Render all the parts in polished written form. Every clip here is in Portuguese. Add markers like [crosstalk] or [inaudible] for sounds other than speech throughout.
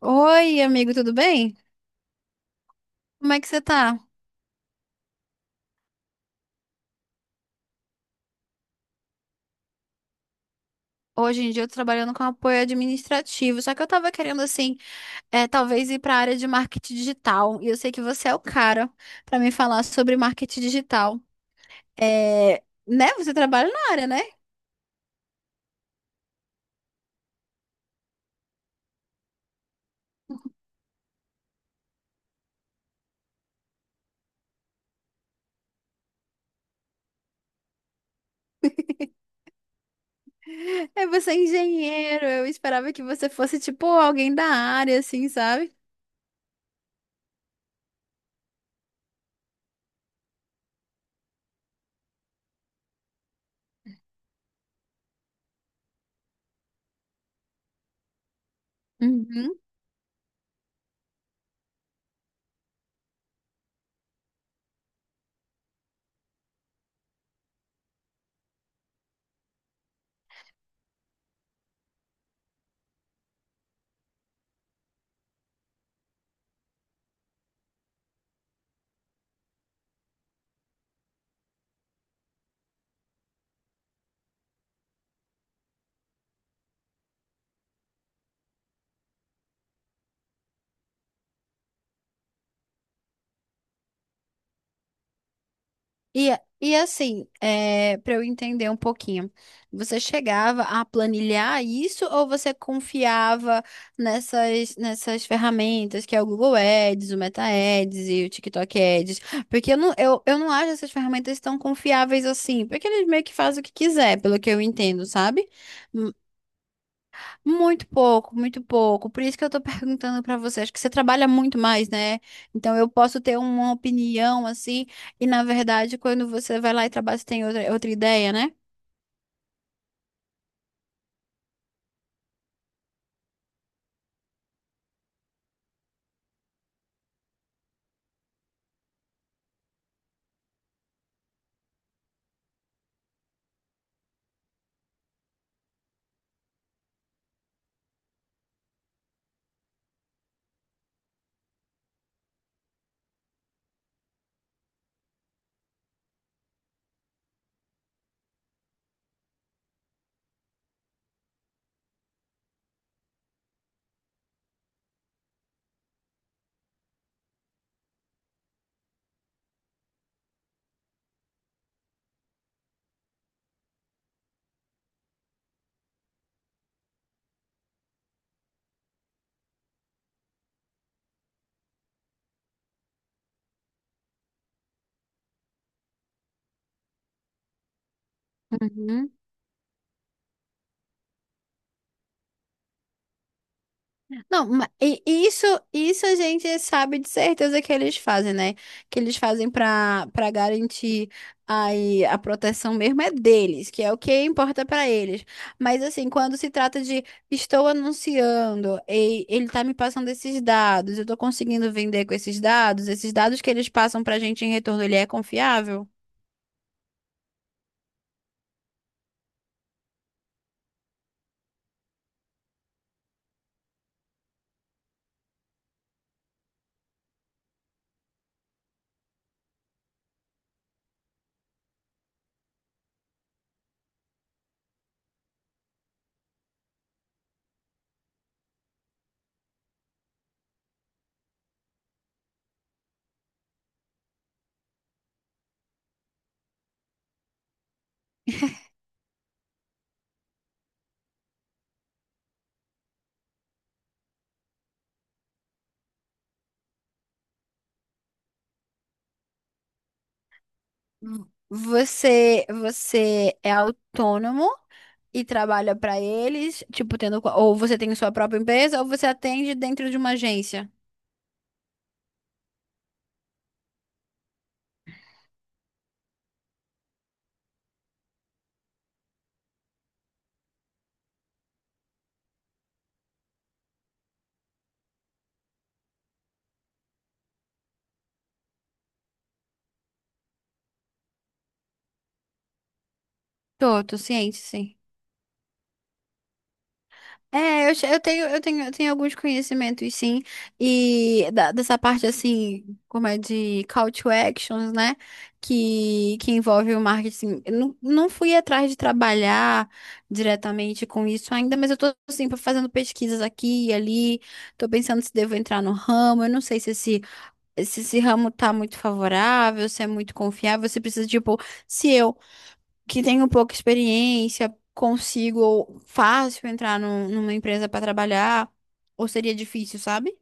Oi, amigo, tudo bem? Como é que você tá? Hoje em dia eu tô trabalhando com apoio administrativo, só que eu tava querendo, assim, talvez ir pra área de marketing digital. E eu sei que você é o cara pra me falar sobre marketing digital. É, né? Você trabalha na área, né? [laughs] É, você é engenheiro, eu esperava que você fosse, tipo, alguém da área, assim, sabe? Uhum. E, e assim, para eu entender um pouquinho, você chegava a planilhar isso ou você confiava nessas ferramentas que é o Google Ads, o Meta Ads e o TikTok Ads? Porque eu não acho essas ferramentas tão confiáveis assim, porque eles meio que fazem o que quiser, pelo que eu entendo, sabe? Muito pouco, muito pouco. Por isso que eu tô [laughs] perguntando pra você. Acho que você trabalha muito mais, né? Então eu posso ter uma opinião assim, e na verdade, quando você vai lá e trabalha, você tem outra ideia, né? Uhum. Não, e isso a gente sabe de certeza que eles fazem, né? Que eles fazem para garantir aí a proteção mesmo é deles, que é o que importa para eles. Mas assim, quando se trata de estou anunciando e ele tá me passando esses dados, eu tô conseguindo vender com esses dados que eles passam pra gente em retorno, ele é confiável? V- Você é autônomo e trabalha pra eles, Ou você tem sua própria empresa, ou você atende dentro de uma agência. Tô, tô ciente, sim. Eu tenho, eu tenho alguns conhecimentos, sim, e dessa parte, assim, como é de call to actions, né, que envolve o marketing. Eu não, Não fui atrás de trabalhar diretamente com isso ainda, mas eu tô, assim, fazendo pesquisas aqui e ali, tô pensando se devo entrar no ramo, eu não sei se esse ramo tá muito favorável, se é muito confiável, você precisa, tipo, se eu, que tenho pouca experiência, consigo fácil entrar numa empresa para trabalhar, ou seria difícil, sabe?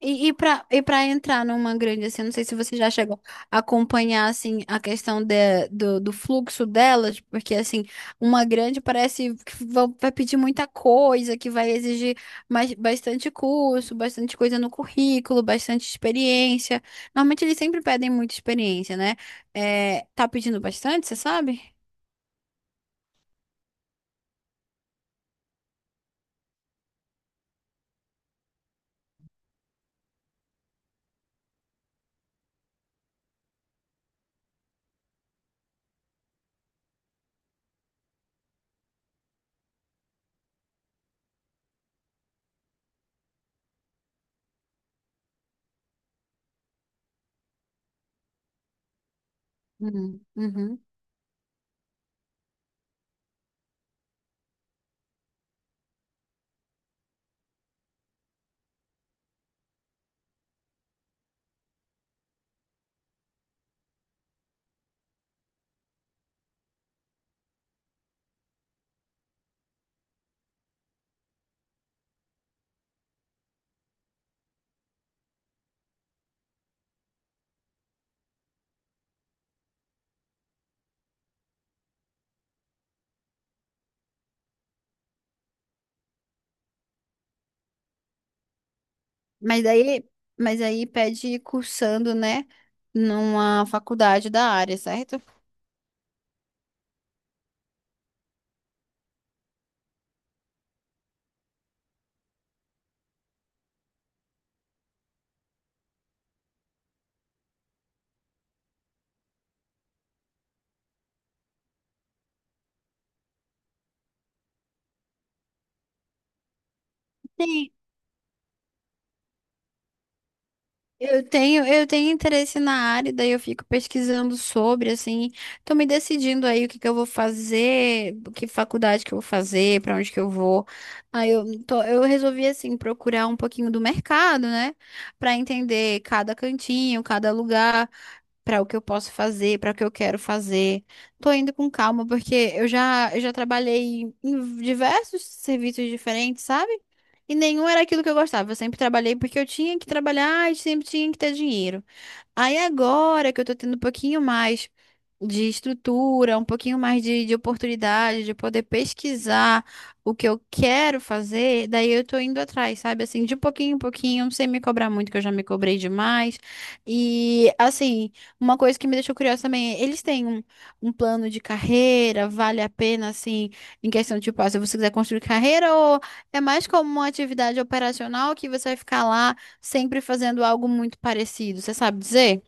E para entrar numa grande, assim, não sei se você já chegou a acompanhar, assim, a questão de, do fluxo delas, porque, assim, uma grande parece que vai pedir muita coisa, que vai exigir mais, bastante curso, bastante coisa no currículo, bastante experiência. Normalmente eles sempre pedem muita experiência, né? É, tá pedindo bastante, você sabe? Uhum, uhum. Mas daí, mas aí pede cursando, né, numa faculdade da área, certo? Sim, eu tenho, interesse na área, daí eu fico pesquisando sobre, assim, tô me decidindo aí o que que eu vou fazer, que faculdade que eu vou fazer, pra onde que eu vou. Eu resolvi assim procurar um pouquinho do mercado, né, pra entender cada cantinho, cada lugar para o que eu posso fazer, para o que eu quero fazer. Tô indo com calma, porque eu já trabalhei em diversos serviços diferentes, sabe? E nenhum era aquilo que eu gostava. Eu sempre trabalhei porque eu tinha que trabalhar e sempre tinha que ter dinheiro. Aí agora que eu tô tendo um pouquinho mais de estrutura, um pouquinho mais de oportunidade, de poder pesquisar o que eu quero fazer, daí eu tô indo atrás, sabe? Assim, de pouquinho em pouquinho, sem me cobrar muito, que eu já me cobrei demais. E assim. Uma coisa que me deixou curiosa também, é, eles têm um plano de carreira, vale a pena, assim, em questão de, tipo, ah, se você quiser construir carreira, ou é mais como uma atividade operacional que você vai ficar lá sempre fazendo algo muito parecido, você sabe dizer?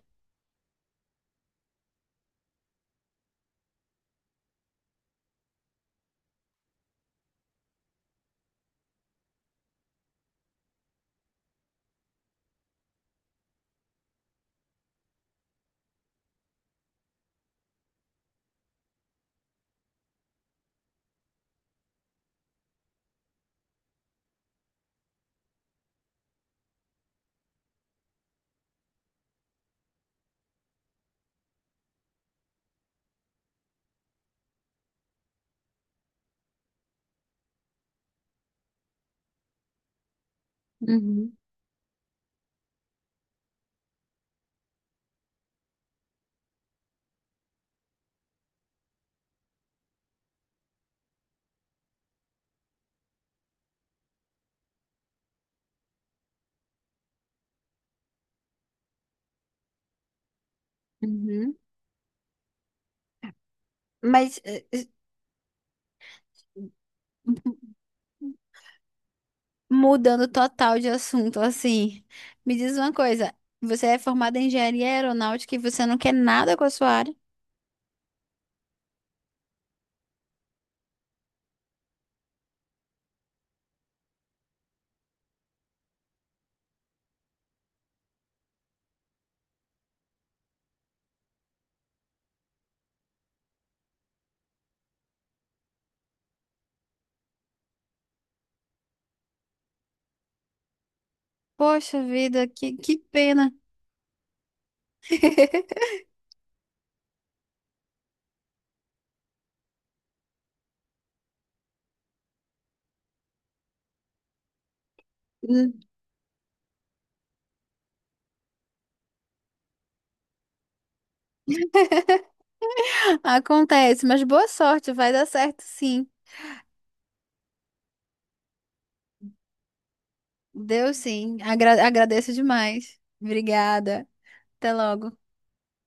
Uhum, uhum. Mas eh, eh, Mudando total de assunto, assim, me diz uma coisa, você é formada em engenharia aeronáutica e você não quer nada com a sua área? Poxa vida, que pena. [laughs] Acontece, mas boa sorte, vai dar certo sim. Deu sim. Agradeço demais. Obrigada. Até logo.